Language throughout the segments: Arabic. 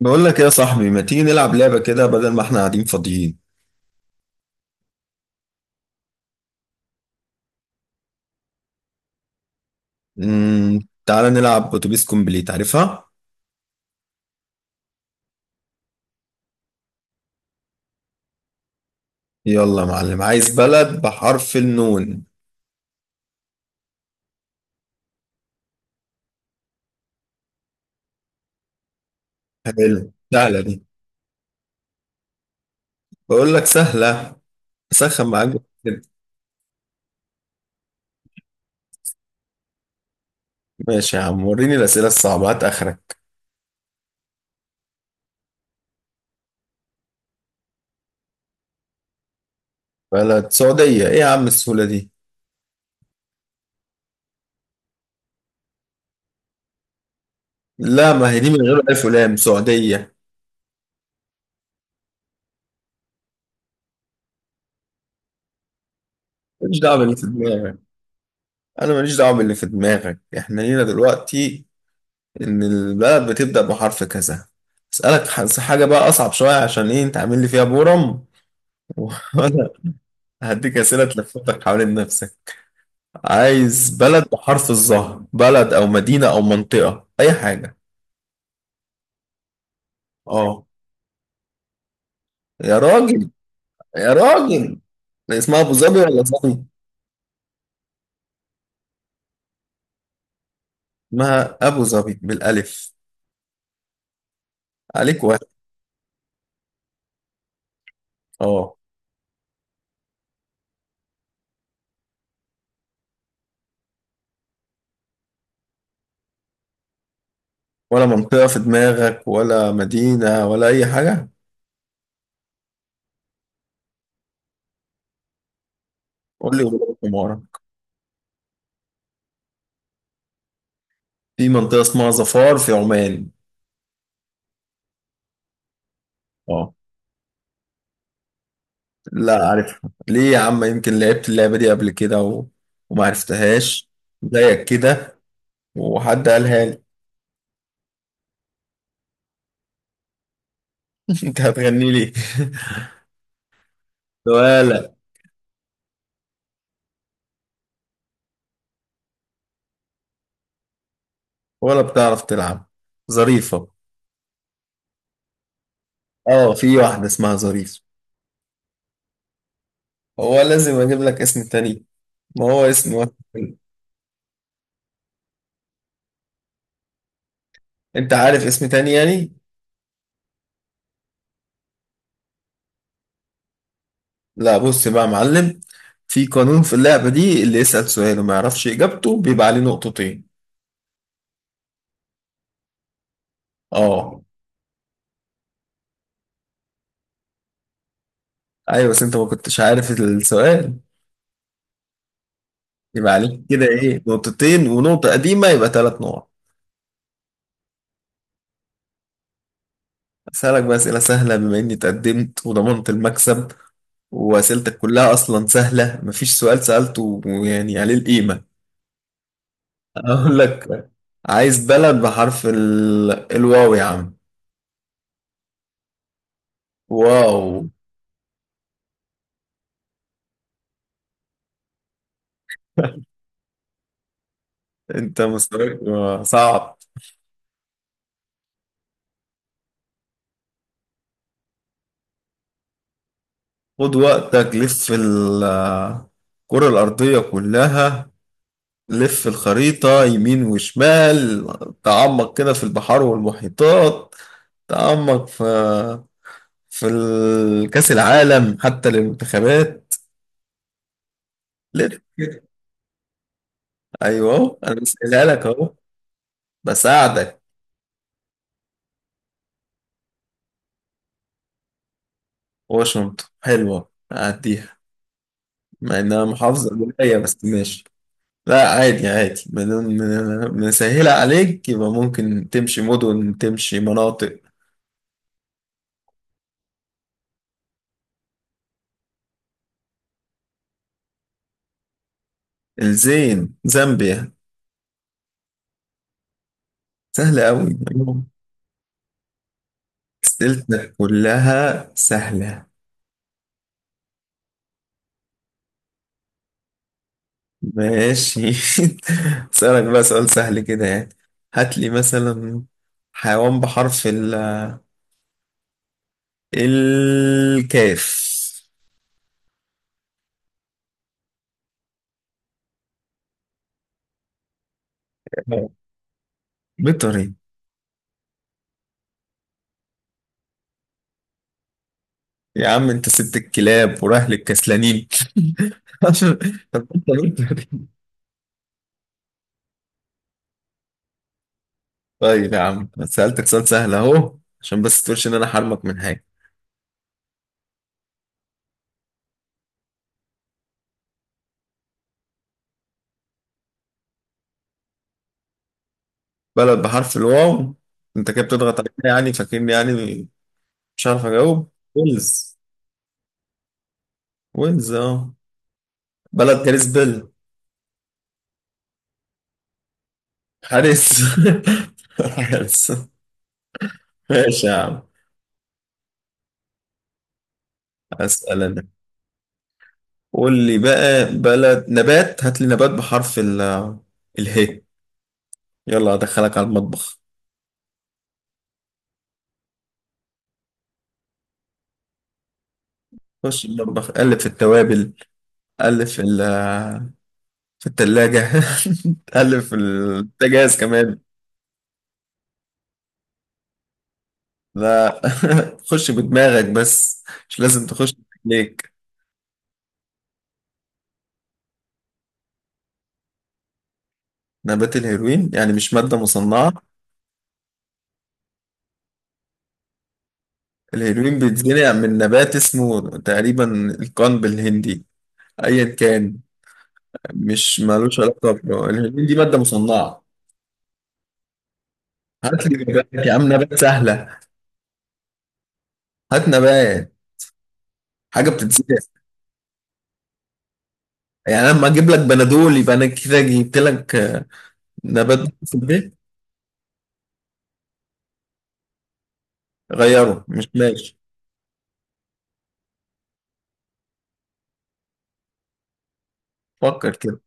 بقول لك إيه يا صاحبي؟ ما تيجي نلعب لعبة كده بدل ما احنا قاعدين فاضيين؟ امم تعالى نلعب اتوبيس كومبليت، عارفها؟ يلا يا معلم، عايز بلد بحرف النون. حلو، سهلة دي. بقول لك سهلة. اسخن معاك كده. ماشي يا عم، وريني الأسئلة الصعبة، هات آخرك. بلد سعودية، ايه يا عم السهولة دي؟ لا، ما هي دي من غير ألف ولام، سعودية. ماليش دعوة باللي في دماغك. أنا ماليش دعوة باللي في دماغك، احنا لينا دلوقتي ان البلد بتبدأ بحرف كذا. اسألك حاجة بقى اصعب شوية، عشان ايه انت عامل لي فيها بورم؟ وانا هديك اسئلة تلفتك حوالين نفسك. عايز بلد بحرف الظهر، بلد او مدينة او منطقة اي حاجة. اه. يا راجل. يا راجل، اسمها ابو ظبي ولا ظبي؟ اسمها ابو ظبي بالالف، عليك واحد. اه. ولا منطقة في دماغك ولا مدينة ولا اي حاجة؟ قول لي غلط في. في منطقة اسمها ظفار في عمان. لا عارفها، ليه يا عم؟ يمكن لعبت اللعبة دي قبل كده و... وما عرفتهاش زيك كده، وحد قالها لي. انت هتغني لي ولا ولا بتعرف تلعب؟ ظريفة. اه، في واحدة اسمها ظريف. هو لازم اجيب لك اسم تاني؟ ما هو اسم واحد تاني. انت عارف اسم تاني يعني؟ لا، بص بقى يا معلم، في قانون في اللعبة دي، اللي يسأل سؤال وما يعرفش اجابته بيبقى عليه نقطتين. اه. ايوه، بس انت ما كنتش عارف السؤال، يبقى عليك كده ايه، نقطتين ونقطة قديمة يبقى ثلاث نقط. أسألك بقى أسئلة سهلة بما إني تقدمت وضمنت المكسب، وأسئلتك كلها أصلا سهلة، مفيش سؤال سألته يعني عليه القيمة. أقول لك، عايز بلد بحرف ال... الواو يا عم. واو. أنت مستواك صعب. خد وقتك، لف الكرة الأرضية كلها، لف الخريطة يمين وشمال، تعمق كده في البحار والمحيطات، تعمق في في كأس العالم حتى للمنتخبات. ليه كده؟ ايوه أهو، انا بسألها لك اهو، بساعدك. واشنطن حلوه، اعديها، مع انها محافظه قليله، بس ماشي. لا عادي عادي، بدون مسهله عليك، يبقى ممكن تمشي مدن، تمشي مناطق. الزين، زامبيا. سهله قوي. أسئلتنا كلها سهله. ماشي. اسألك بقى سؤال سهل كده يعني، هات لي مثلا حيوان بحرف ال الكاف. بيطري؟ يا عم انت سبت الكلاب ورايح للكسلانين عشان. طب انت بيطري، طيب يا عم، سألتك سؤال سهل اهو عشان بس تقولش ان انا حرمك من حاجة. بلد بحرف الواو. انت كده بتضغط عليا يعني، فاكرني يعني مش عارف اجاوب؟ ويلز. ويلز اه، بلد جاريس بيل. حارس حارس. ماشي يا عم، اسال انا. قول لي بقى بلد، نبات، هات لي نبات بحرف ال اله. يلا ادخلك على المطبخ، خش المطبخ، قلب في التوابل، قلب في ال في التلاجة، قلب في البوتاجاز كمان. لا، خش بدماغك بس، مش لازم تخش. ليك. نبات الهيروين يعني، مش مادة مصنعة؟ الهيروين بيتزرع من نبات اسمه تقريبا القنب الهندي، ايا كان، مش مالوش علاقة الهيلين دي مادة مصنعة. هات لي نبات يا عم، نبات سهلة، هات نبات، حاجة بتتزرع. يعني أنا لما أجيب لك بنادول يبقى أنا كده جبت لك نبات في البيت؟ غيره مش ماشي. فكر كده،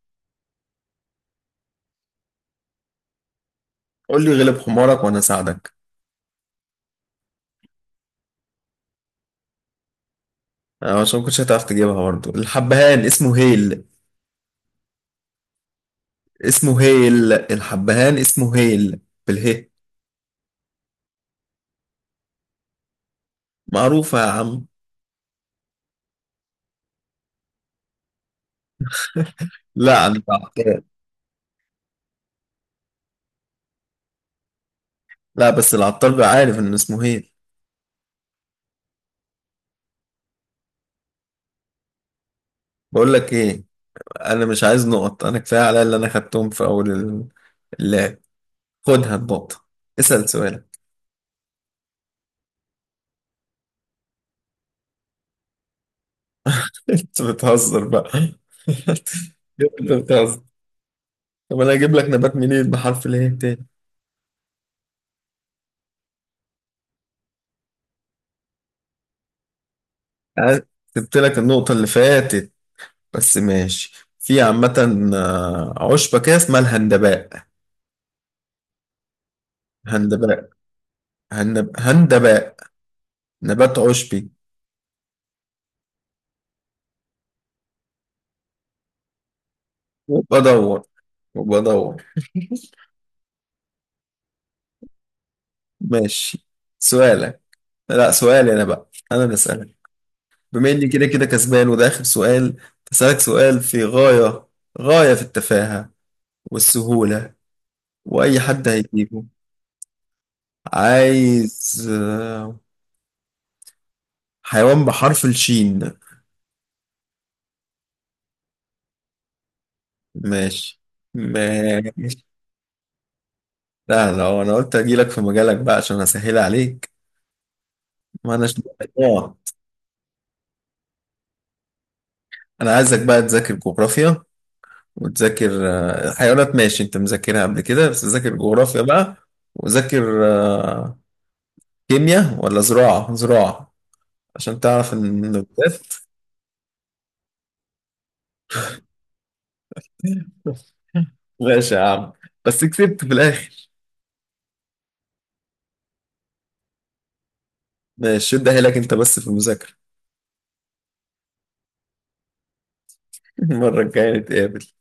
قول لي غلب حمارك وأنا أساعدك. عشان ما كنتش هتعرف تجيبها برضه، الحبهان اسمه هيل. اسمه هيل، الحبهان اسمه هيل، بالهي. معروفة يا عم. لا أنا العطار. لا بس العطار بيبقى عارف إن اسمه هيل. بقول لك إيه، انا مش عايز نقط، انا كفايه عليا اللي انا خدتهم في اول اللعب. خدها النقطه، اسال سؤالك. انت بتهزر بقى انت بتهزر. طب انا هجيب لك نبات منين بحرف الايه تاني؟ أنا سبت لك النقطه اللي فاتت، بس ماشي. في عامة، عشبة كده اسمها الهندباء. هندباء، هندباء، نبات عشبي. وبدور، وبدور. ماشي، سؤالك. لا، سؤالي انا بقى، انا اللي اسالك، بما اني كده كده كسبان وده اخر سؤال. هسألك سؤال في غاية، غاية في التفاهة والسهولة، واي حد هيجيبه. عايز حيوان بحرف الشين. ماشي. ماشي. لا لا، هو انا قلت اجيلك في مجالك بقى عشان اسهل عليك، ما اناش. اه. انا عايزك بقى تذاكر جغرافيا، وتذاكر حيوانات، ماشي انت مذاكرها قبل كده، بس ذاكر جغرافيا بقى، وذاكر كيمياء ولا زراعة، زراعة، عشان تعرف انه بجد. ماشي يا عم، بس كسبت في الاخر. ماشي، ده لك انت بس في المذاكرة. المرة الجاية نتقابل.